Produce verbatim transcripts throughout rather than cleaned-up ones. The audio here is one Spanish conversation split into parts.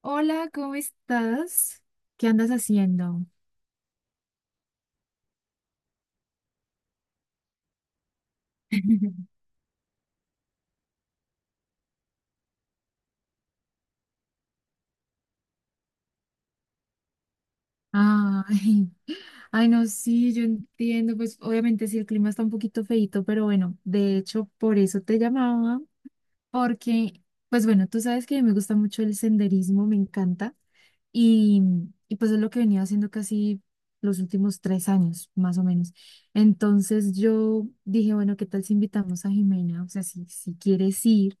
Hola, ¿cómo estás? ¿Qué andas haciendo? Ay, ay, no, sí, yo entiendo, pues obviamente sí, el clima está un poquito feíto, pero bueno, de hecho por eso te llamaba, porque, pues bueno, tú sabes que me gusta mucho el senderismo, me encanta, y, y pues es lo que venía haciendo casi los últimos tres años, más o menos. Entonces yo dije, bueno, ¿qué tal si invitamos a Jimena? O sea, si, si quieres ir.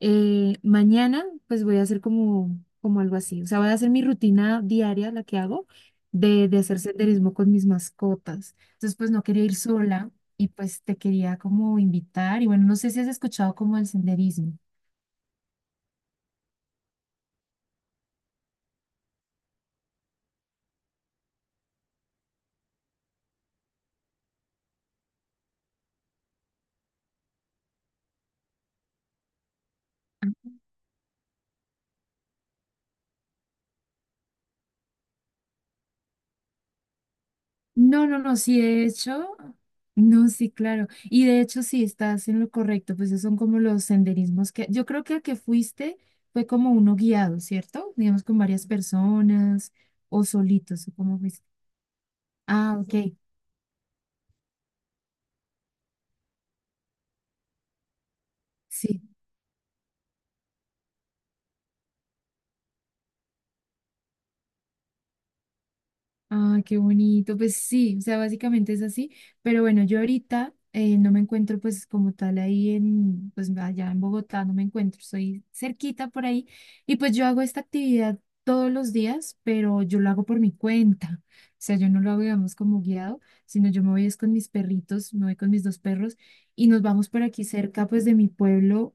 Eh, mañana, pues voy a hacer como, como algo así. O sea, voy a hacer mi rutina diaria, la que hago, de, de hacer senderismo con mis mascotas. Entonces, pues no quería ir sola y pues te quería como invitar. Y bueno, no sé si has escuchado como el senderismo. No, no, no, sí, de hecho, no, sí, claro. Y de hecho, sí, estás en lo correcto, pues esos son como los senderismos que yo creo que al que fuiste fue como uno guiado, ¿cierto? Digamos con varias personas o solitos, o cómo fuiste. Ah, ok. Sí, ah, qué bonito. Pues sí, o sea, básicamente es así. Pero bueno, yo ahorita eh, no me encuentro pues como tal ahí en, pues allá en Bogotá, no me encuentro, soy cerquita por ahí. Y pues yo hago esta actividad todos los días, pero yo lo hago por mi cuenta. O sea, yo no lo hago, digamos, como guiado, sino yo me voy es con mis perritos, me voy con mis dos perros y nos vamos por aquí cerca pues de mi pueblo,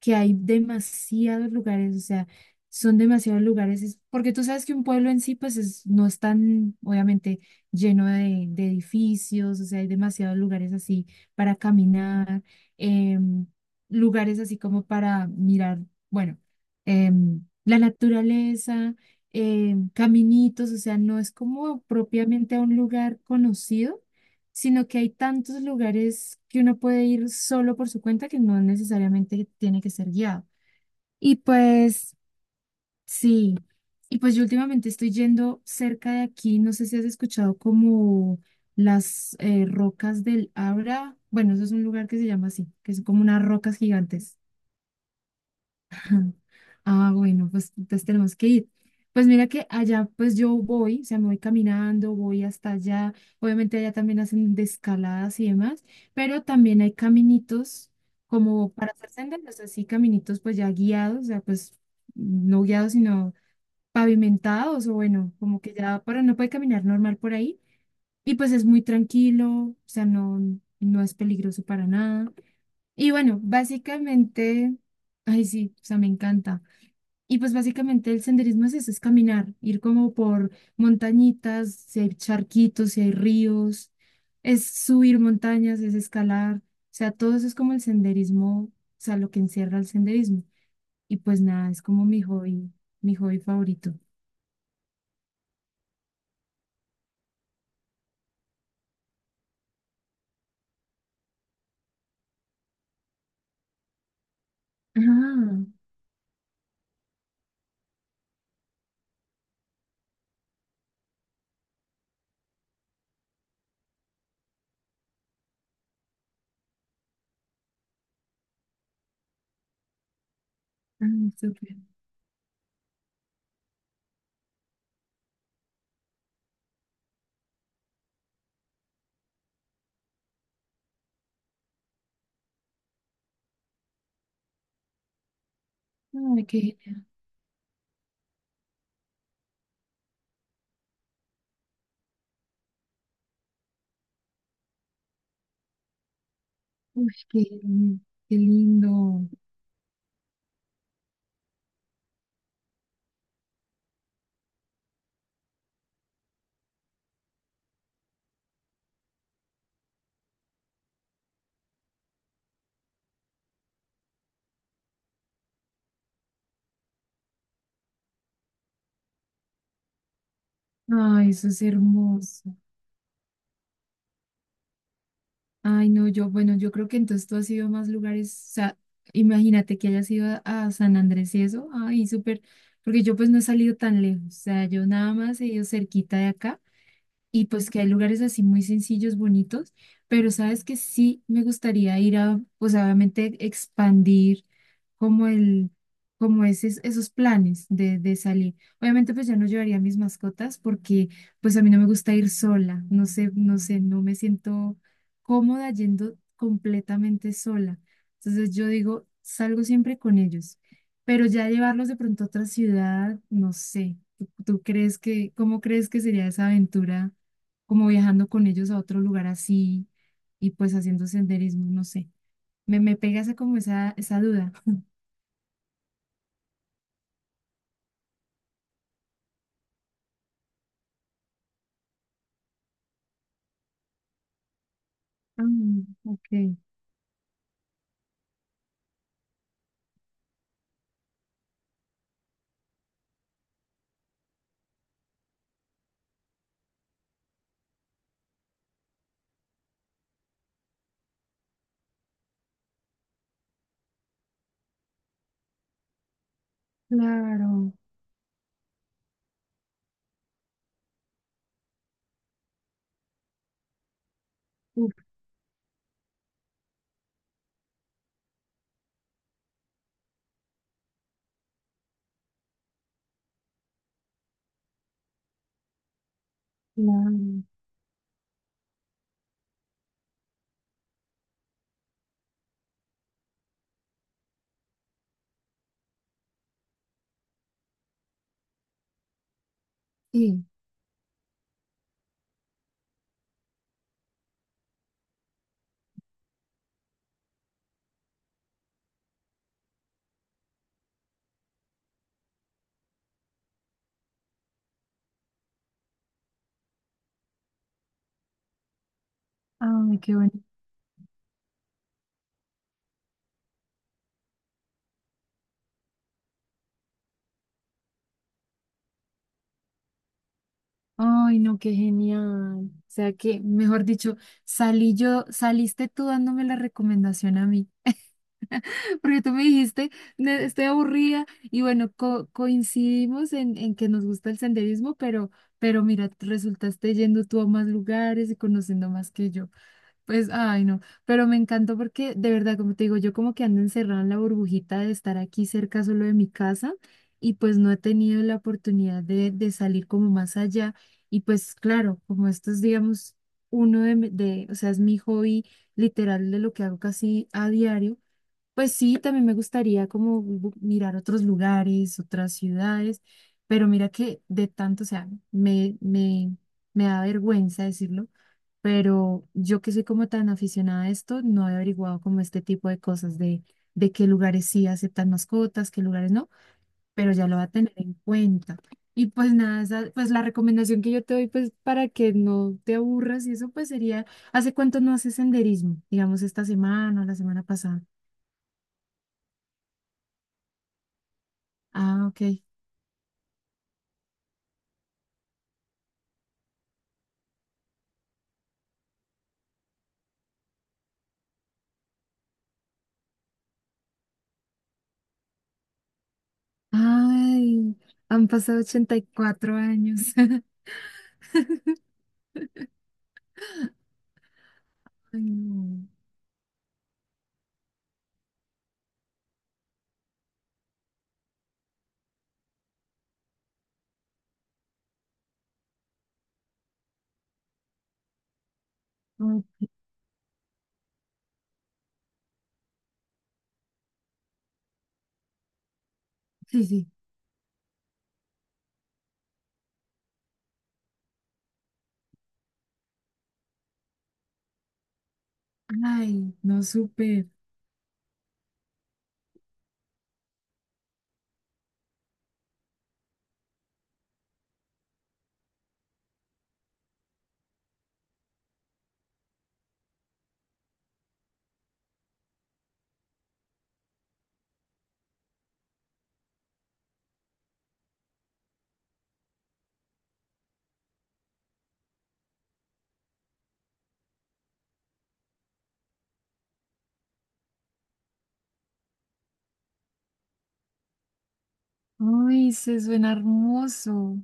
que hay demasiados lugares, o sea. Son demasiados lugares, es- porque tú sabes que un pueblo en sí, pues es- no es tan, obviamente, lleno de, de edificios, o sea, hay demasiados lugares así para caminar, em, lugares así como para mirar, bueno, em, la naturaleza, em, caminitos, o sea, no es como propiamente a un lugar conocido, sino que hay tantos lugares que uno puede ir solo por su cuenta que no necesariamente tiene que ser guiado. Y pues sí, y pues yo últimamente estoy yendo cerca de aquí, no sé si has escuchado como las eh, rocas del Abra, bueno, eso es un lugar que se llama así, que son como unas rocas gigantes. Ah, bueno, pues entonces tenemos que ir. Pues mira que allá pues yo voy, o sea, me voy caminando, voy hasta allá, obviamente allá también hacen de escaladas y demás, pero también hay caminitos como para hacer senderos, así caminitos pues ya guiados, o sea, pues no guiados, sino pavimentados o bueno, como que ya para no puede caminar normal por ahí. Y pues es muy tranquilo, o sea, no, no es peligroso para nada. Y bueno, básicamente, ay sí, o sea, me encanta. Y pues básicamente el senderismo es eso, es caminar, ir como por montañitas, si hay charquitos, si hay ríos, es subir montañas, es escalar, o sea, todo eso es como el senderismo, o sea, lo que encierra el senderismo. Y pues nada, es como mi hobby, mi hobby favorito. Ah. Ay, súper. Ay, qué genial. Uy, qué, genial, qué lindo. Ay, eso es hermoso. Ay, no, yo, bueno, yo creo que entonces tú has ido a más lugares. O sea, imagínate que hayas ido a, a San Andrés y eso. Ay, súper. Porque yo pues no he salido tan lejos. O sea, yo nada más he ido cerquita de acá. Y pues que hay lugares así muy sencillos, bonitos, pero sabes que sí me gustaría ir a, pues obviamente expandir como el, como esos, esos planes de, de salir. Obviamente pues ya no llevaría mis mascotas porque pues a mí no me gusta ir sola, no sé, no sé, no me siento cómoda yendo completamente sola. Entonces yo digo, salgo siempre con ellos, pero ya llevarlos de pronto a otra ciudad, no sé. ¿Tú, tú crees que, cómo crees que sería esa aventura? Como viajando con ellos a otro lugar así y pues haciendo senderismo, no sé. Me, me pega esa como esa, esa duda. Ah, ok, claro, uf, claro, sí. Ay, qué bueno. Ay, no, qué genial. O sea que, mejor dicho, salí yo, saliste tú dándome la recomendación a mí, porque tú me dijiste, "Ne- estoy aburrida y bueno, co- coincidimos en, en que nos gusta el senderismo, pero, pero mira, resultaste yendo tú a más lugares y conociendo más que yo. Pues, ay, no, pero me encantó porque de verdad, como te digo, yo como que ando encerrada en la burbujita de estar aquí cerca solo de mi casa y pues no he tenido la oportunidad de, de salir como más allá. Y pues claro, como esto es, digamos, uno de, mi- de, o sea, es mi hobby literal de lo que hago casi a diario, pues sí, también me gustaría como bu- mirar otros lugares, otras ciudades, pero mira que de tanto, o sea, me, me, me da vergüenza decirlo, pero yo que soy como tan aficionada a esto, no he averiguado como este tipo de cosas de, de qué lugares sí aceptan mascotas, qué lugares no, pero ya lo va a tener en cuenta. Y pues nada, esa- pues la recomendación que yo te doy, pues para que no te aburras y eso, pues sería, ¿hace cuánto no haces senderismo? Digamos esta semana o la semana pasada. Ah, ok. Ay, han pasado ochenta y cuatro años. Ay, no. Ok, sí, sí. Ay, no, súper. Ay, se suena hermoso.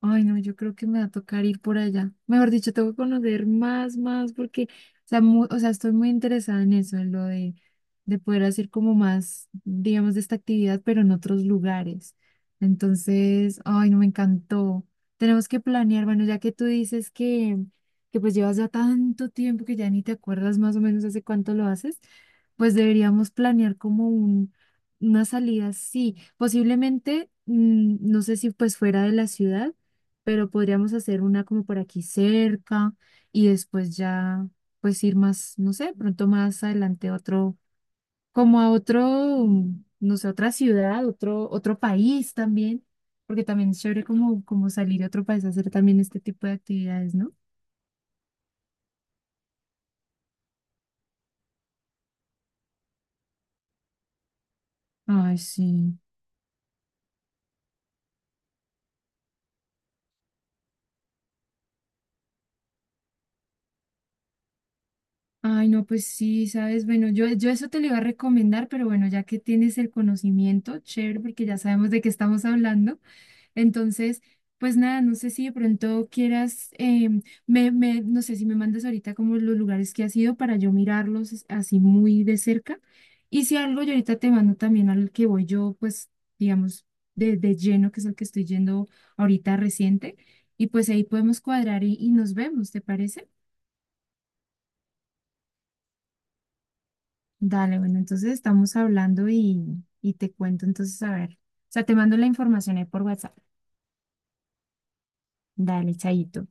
Ay, no, yo creo que me va a tocar ir por allá. Mejor dicho, tengo que conocer más, más, porque, o sea, mu- o sea, estoy muy interesada en eso, en lo de, de poder hacer como más, digamos, de esta actividad, pero en otros lugares. Entonces, ay, no, me encantó. Tenemos que planear, bueno, ya que tú dices que, que pues llevas ya tanto tiempo que ya ni te acuerdas más o menos hace cuánto lo haces, pues deberíamos planear como un, una salida, sí, posiblemente, mm, no sé si pues fuera de la ciudad pero podríamos hacer una como por aquí cerca y después ya pues ir más, no sé, pronto más adelante a otro, como a otro, no sé, otra ciudad, otro, otro país también, porque también es chévere como, como salir a otro país a hacer también este tipo de actividades, ¿no? Ay, sí. Ay, no, pues sí, sabes, bueno, yo, yo eso te lo iba a recomendar, pero bueno, ya que tienes el conocimiento, chévere, porque ya sabemos de qué estamos hablando. Entonces, pues nada, no sé si de pronto quieras, em, me, me- no sé si me mandas ahorita como los lugares que has ido para yo mirarlos es- así muy de cerca. Y si algo, yo ahorita te mando también al que voy yo, pues, digamos, de, de lleno, que es el que estoy yendo ahorita reciente. Y pues ahí podemos cuadrar y, y nos vemos, ¿te parece? Dale, bueno, entonces estamos hablando y, y te cuento entonces, a ver. O sea, te mando la información ahí por WhatsApp. Dale, chaito.